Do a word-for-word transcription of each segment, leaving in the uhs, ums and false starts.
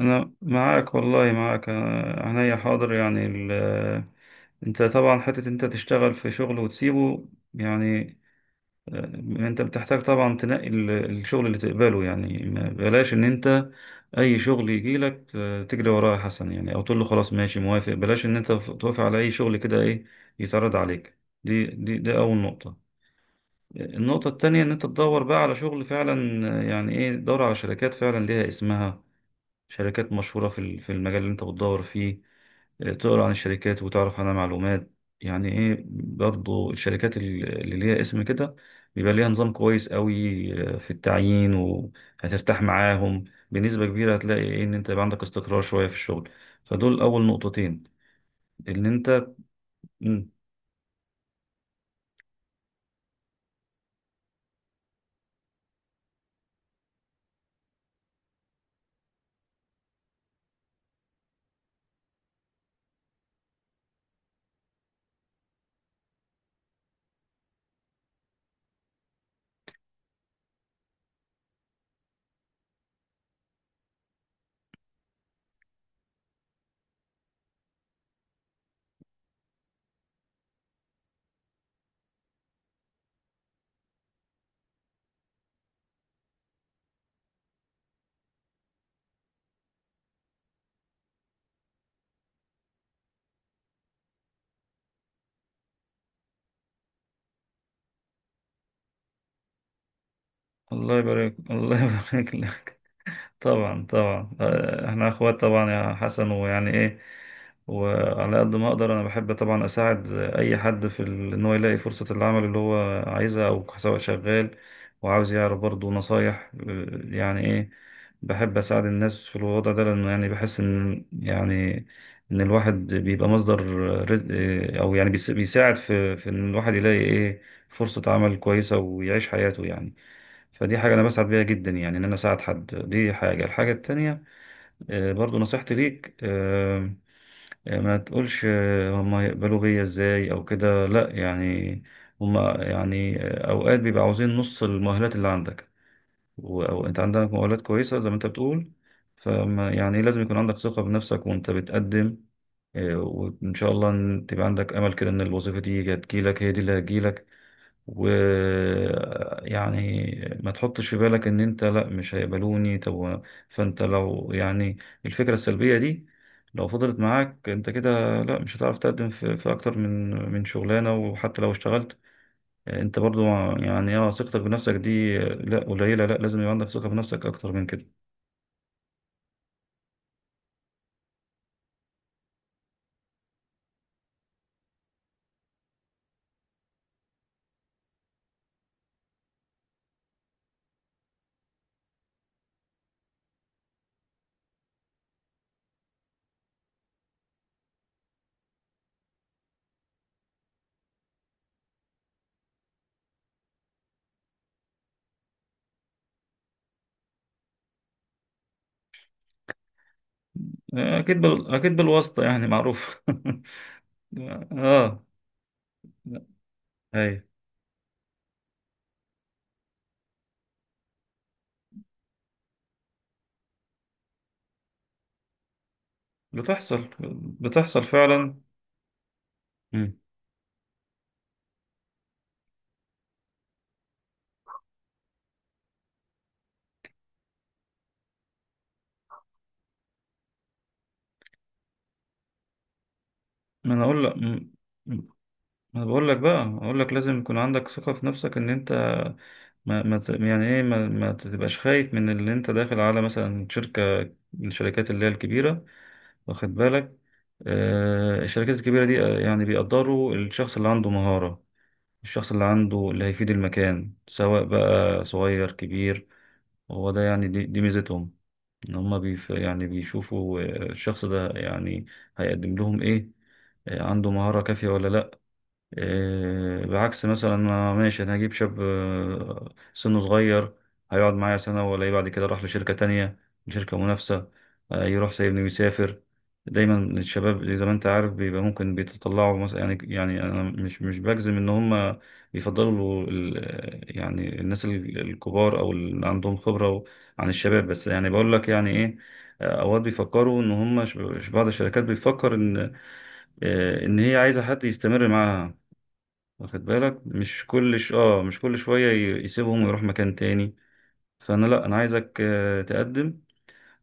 أنا معاك والله معاك آه، عينيا حاضر يعني ال... آه، أنت طبعا حتة أنت تشتغل في شغل وتسيبه. يعني آه، أنت بتحتاج طبعا تنقي ال- الشغل اللي تقبله، يعني ما- بلاش إن أنت أي شغل يجيلك آه، تجري وراه يا حسن، يعني أو تقول له خلاص ماشي موافق. بلاش إن أنت ف- توافق على أي شغل كده إيه يتعرض عليك. دي دي دي أول نقطة. النقطة التانية إن أنت تدور بقى على شغل فعلا، آه، يعني إيه، تدور على شركات فعلا ليها اسمها، شركات مشهورة في ال- في المجال اللي انت بتدور فيه. آه، تقرا عن الشركات وتعرف عنها معلومات. يعني ايه برضو الشركات ال- اللي ليها اسم كده بيبقى ليها نظام كويس قوي آه، في التعيين، وهترتاح معاهم بنسبة كبيرة. هتلاقي ايه، ان انت يبقى عندك استقرار شوية في الشغل. فدول اول نقطتين ان انت. مم. الله يبارك، الله يبارك. طبعا طبعا، آه، احنا اخوات طبعا يا حسن، ويعني ايه، وعلى قد ما اقدر انا بحب طبعا اساعد اي حد في ال- ان هو يلاقي فرصة العمل اللي هو عايزها، او سواء شغال وعاوز يعرف برضه نصايح. آه، يعني ايه، بحب اساعد الناس في الوضع ده، لانه يعني بحس ان يعني ان الواحد بيبقى مصدر رزق، آه، او يعني بيس- بيساعد في في ان الواحد يلاقي ايه فرصة عمل كويسة ويعيش حياته يعني. فدي حاجة أنا بسعد بيها جدا، يعني إن أنا أساعد حد. دي حاجة. الحاجة التانية آه، برضو نصيحتي ليك، آه، آه، ما تقولش آه، هما يقبلوا بيا إزاي أو كده، لأ، يعني هما يعني آه، أوقات بيبقى عاوزين نص المؤهلات اللي عندك، و- أو أنت عندك مؤهلات كويسة زي ما أنت بتقول. فما يعني لازم يكون عندك ثقة بنفسك وأنت بتقدم، آه، وإن شاء الله إن تبقى عندك أمل كده إن الوظيفة دي هتجيلك، هي دي اللي هتجيلك. ويعني ما تحطش في بالك ان انت لا مش هيقبلوني. طب فانت لو يعني الفكرة السلبية دي لو فضلت معاك انت كده، لا مش هتعرف تقدم في, في اكتر من من شغلانة، وحتى لو اشتغلت انت برضو يعني، اه، ثقتك بنفسك دي لا قليلة، لا لازم يبقى عندك ثقة بنفسك اكتر من كده. اكيد بال... اكيد بالواسطة، يعني معروف. اه، هي بتحصل، بتحصل فعلا. مم. ما انا اقول لك انا بقول لك، بقى اقول لك لازم يكون عندك ثقة في نفسك ان انت ما, ما ت- يعني ايه ما, ما تبقاش خايف من اللي انت داخل على مثلا شركة من الشركات اللي هي الكبيرة، واخد بالك. آه الشركات الكبيرة دي آه، يعني بيقدروا الشخص اللي عنده مهارة، الشخص اللي عنده اللي هيفيد المكان سواء بقى صغير كبير. هو ده يعني دي, دي ميزتهم، ان هم بيف يعني بيشوفوا آه، الشخص ده يعني هيقدم لهم ايه، آه، عنده مهارة كافية ولا لا. إيه، بعكس مثلا ما- ماشي انا هجيب شاب آه، سنه صغير هيقعد معايا سنة ولا إيه، بعد كده راح لشركة تانية، لشركة منافسة، آه، يروح سايبني ويسافر. دايما الشباب زي ما انت عارف بيبقى ممكن بيتطلعوا مثلا يعني، يعني انا مش مش بجزم ان هم بيفضلوا ال- آه، يعني الناس ال- الكبار او اللي عندهم خبرة و- عن الشباب، بس يعني بقول لك يعني ايه، آه، اوقات بيفكروا ان هم ش- ش- بعض الشركات بيفكر ان آه، ان هي عايزة حد يستمر معاها، واخد بالك، مش كل ش... اه مش كل شوية ي- يسيبهم ويروح مكان تاني. فانا لا، انا عايزك آه، تقدم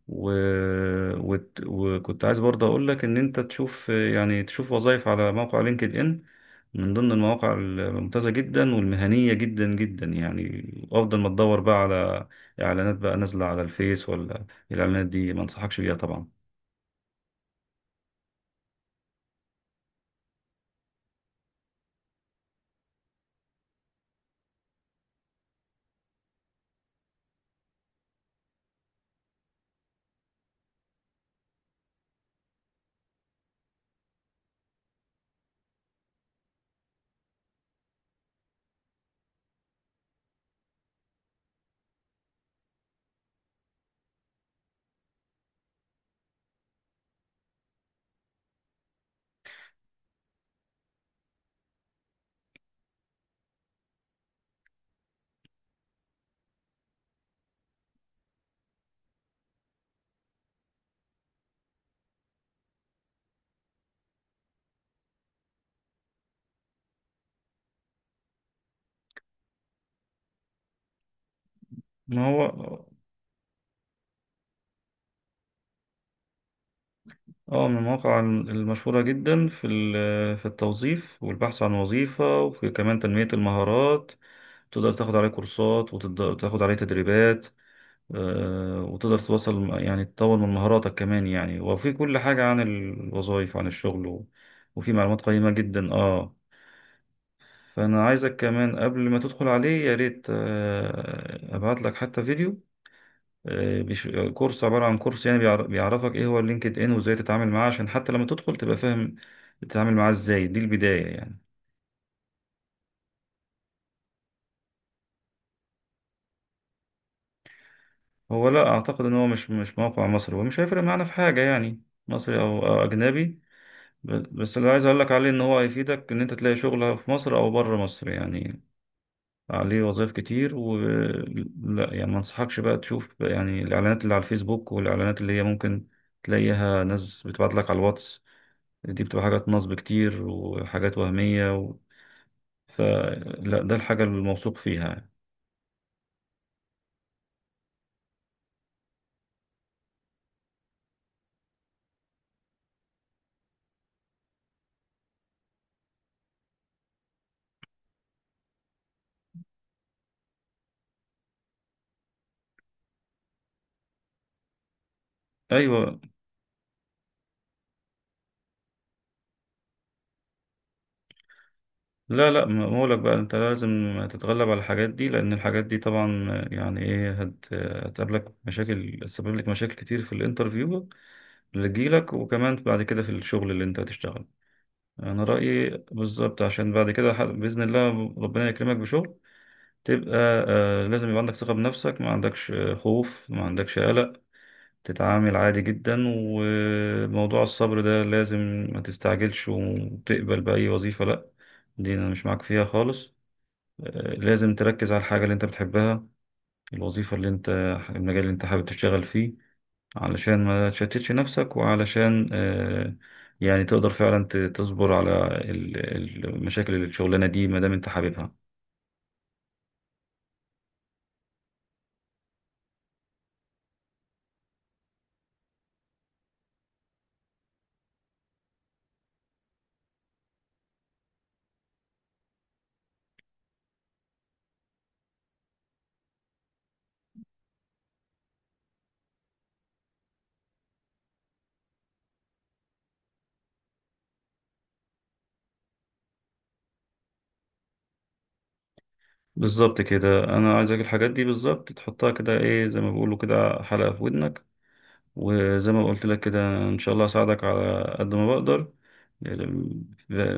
و... وت... وكنت عايز برضه اقول لك ان انت تشوف آه، يعني تشوف وظائف على موقع لينكد ان، من ضمن المواقع الممتازة جدا والمهنية جدا جدا يعني. افضل ما تدور بقى على اعلانات بقى نازلة على الفيس ولا. الاعلانات دي ما انصحكش بيها طبعا. ما هو اه من المواقع المشهورة جدا في ال- في التوظيف والبحث عن وظيفة، وفي كمان تنمية المهارات. تقدر تاخد عليه كورسات وتاخد عليه تدريبات، آه، وتقدر توصل يعني تطور من مهاراتك كمان يعني، وفي كل حاجة عن الوظائف وعن الشغل و- وفي معلومات قيمة جدا، اه. فأنا عايزك كمان قبل ما تدخل عليه يا ريت، آه، أبعت لك حتى فيديو آه، بيش- كورس، عبارة عن كورس يعني بيعر- بيعرفك ايه هو اللينكد ان وازاي تتعامل معاه، عشان حتى لما تدخل تبقى فاهم تتعامل معاه ازاي. دي البداية يعني. هو لا اعتقد ان هو مش مش موقع مصري، ومش هيفرق معانا في حاجة يعني، مصري او أو اجنبي. ب- بس اللي عايز اقول لك عليه ان هو هيفيدك ان انت تلاقي شغل في مصر او بره مصر يعني. عليه وظائف كتير، و لا يعني ما انصحكش بقى تشوف يعني الاعلانات اللي على الفيسبوك، والاعلانات اللي هي ممكن تلاقيها ناس بتبعت لك على الواتس، دي بتبقى حاجات نصب كتير وحاجات وهمية و... فلا ده الحاجة الموثوق فيها يعني. أيوة. لا لا، ما بقولك بقى أنت لازم تتغلب على الحاجات دي، لأن الحاجات دي طبعا يعني إيه هت... هتقابلك مشاكل، تسبب لك مشاكل كتير في الانترفيو اللي تجيلك، وكمان بعد كده في الشغل اللي أنت هتشتغله. أنا رأيي بالظبط، عشان بعد كده ح- بإذن الله ربنا يكرمك بشغل تبقى آه، لازم يبقى عندك ثقة بنفسك، ما عندكش آه، خوف، ما عندكش قلق، تتعامل عادي جدا. وموضوع الصبر ده لازم، ما تستعجلش وتقبل بأي وظيفة، لأ، دي أنا مش معاك فيها خالص. آه، لازم تركز على الحاجة اللي أنت بتحبها، الوظيفة اللي أنت، المجال اللي أنت حابب تشتغل فيه، علشان ما تشتتش نفسك، وعلشان آه، يعني تقدر فعلا ت- تصبر على ال- المشاكل اللي الشغلانة دي ما دام أنت حاببها. بالظبط كده، أنا عايزك الحاجات دي بالظبط تحطها كده إيه زي ما بيقولوا كده، حلقة في ودنك. وزي ما قلت لك كده ان شاء الله اساعدك على قد ما بقدر،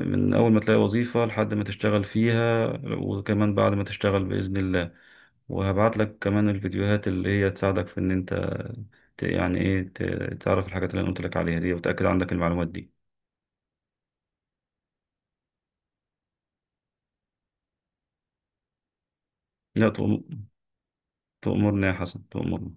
من اول ما تلاقي وظيفة لحد ما تشتغل فيها، وكمان بعد ما تشتغل بإذن الله. وهبعت لك كمان الفيديوهات اللي هي تساعدك في ان انت ت- يعني ايه ت- تعرف الحاجات اللي انا قلت لك عليها دي، وتأكد عندك المعلومات دي. لا تؤم- تؤمرني يا حسن، تؤمرني.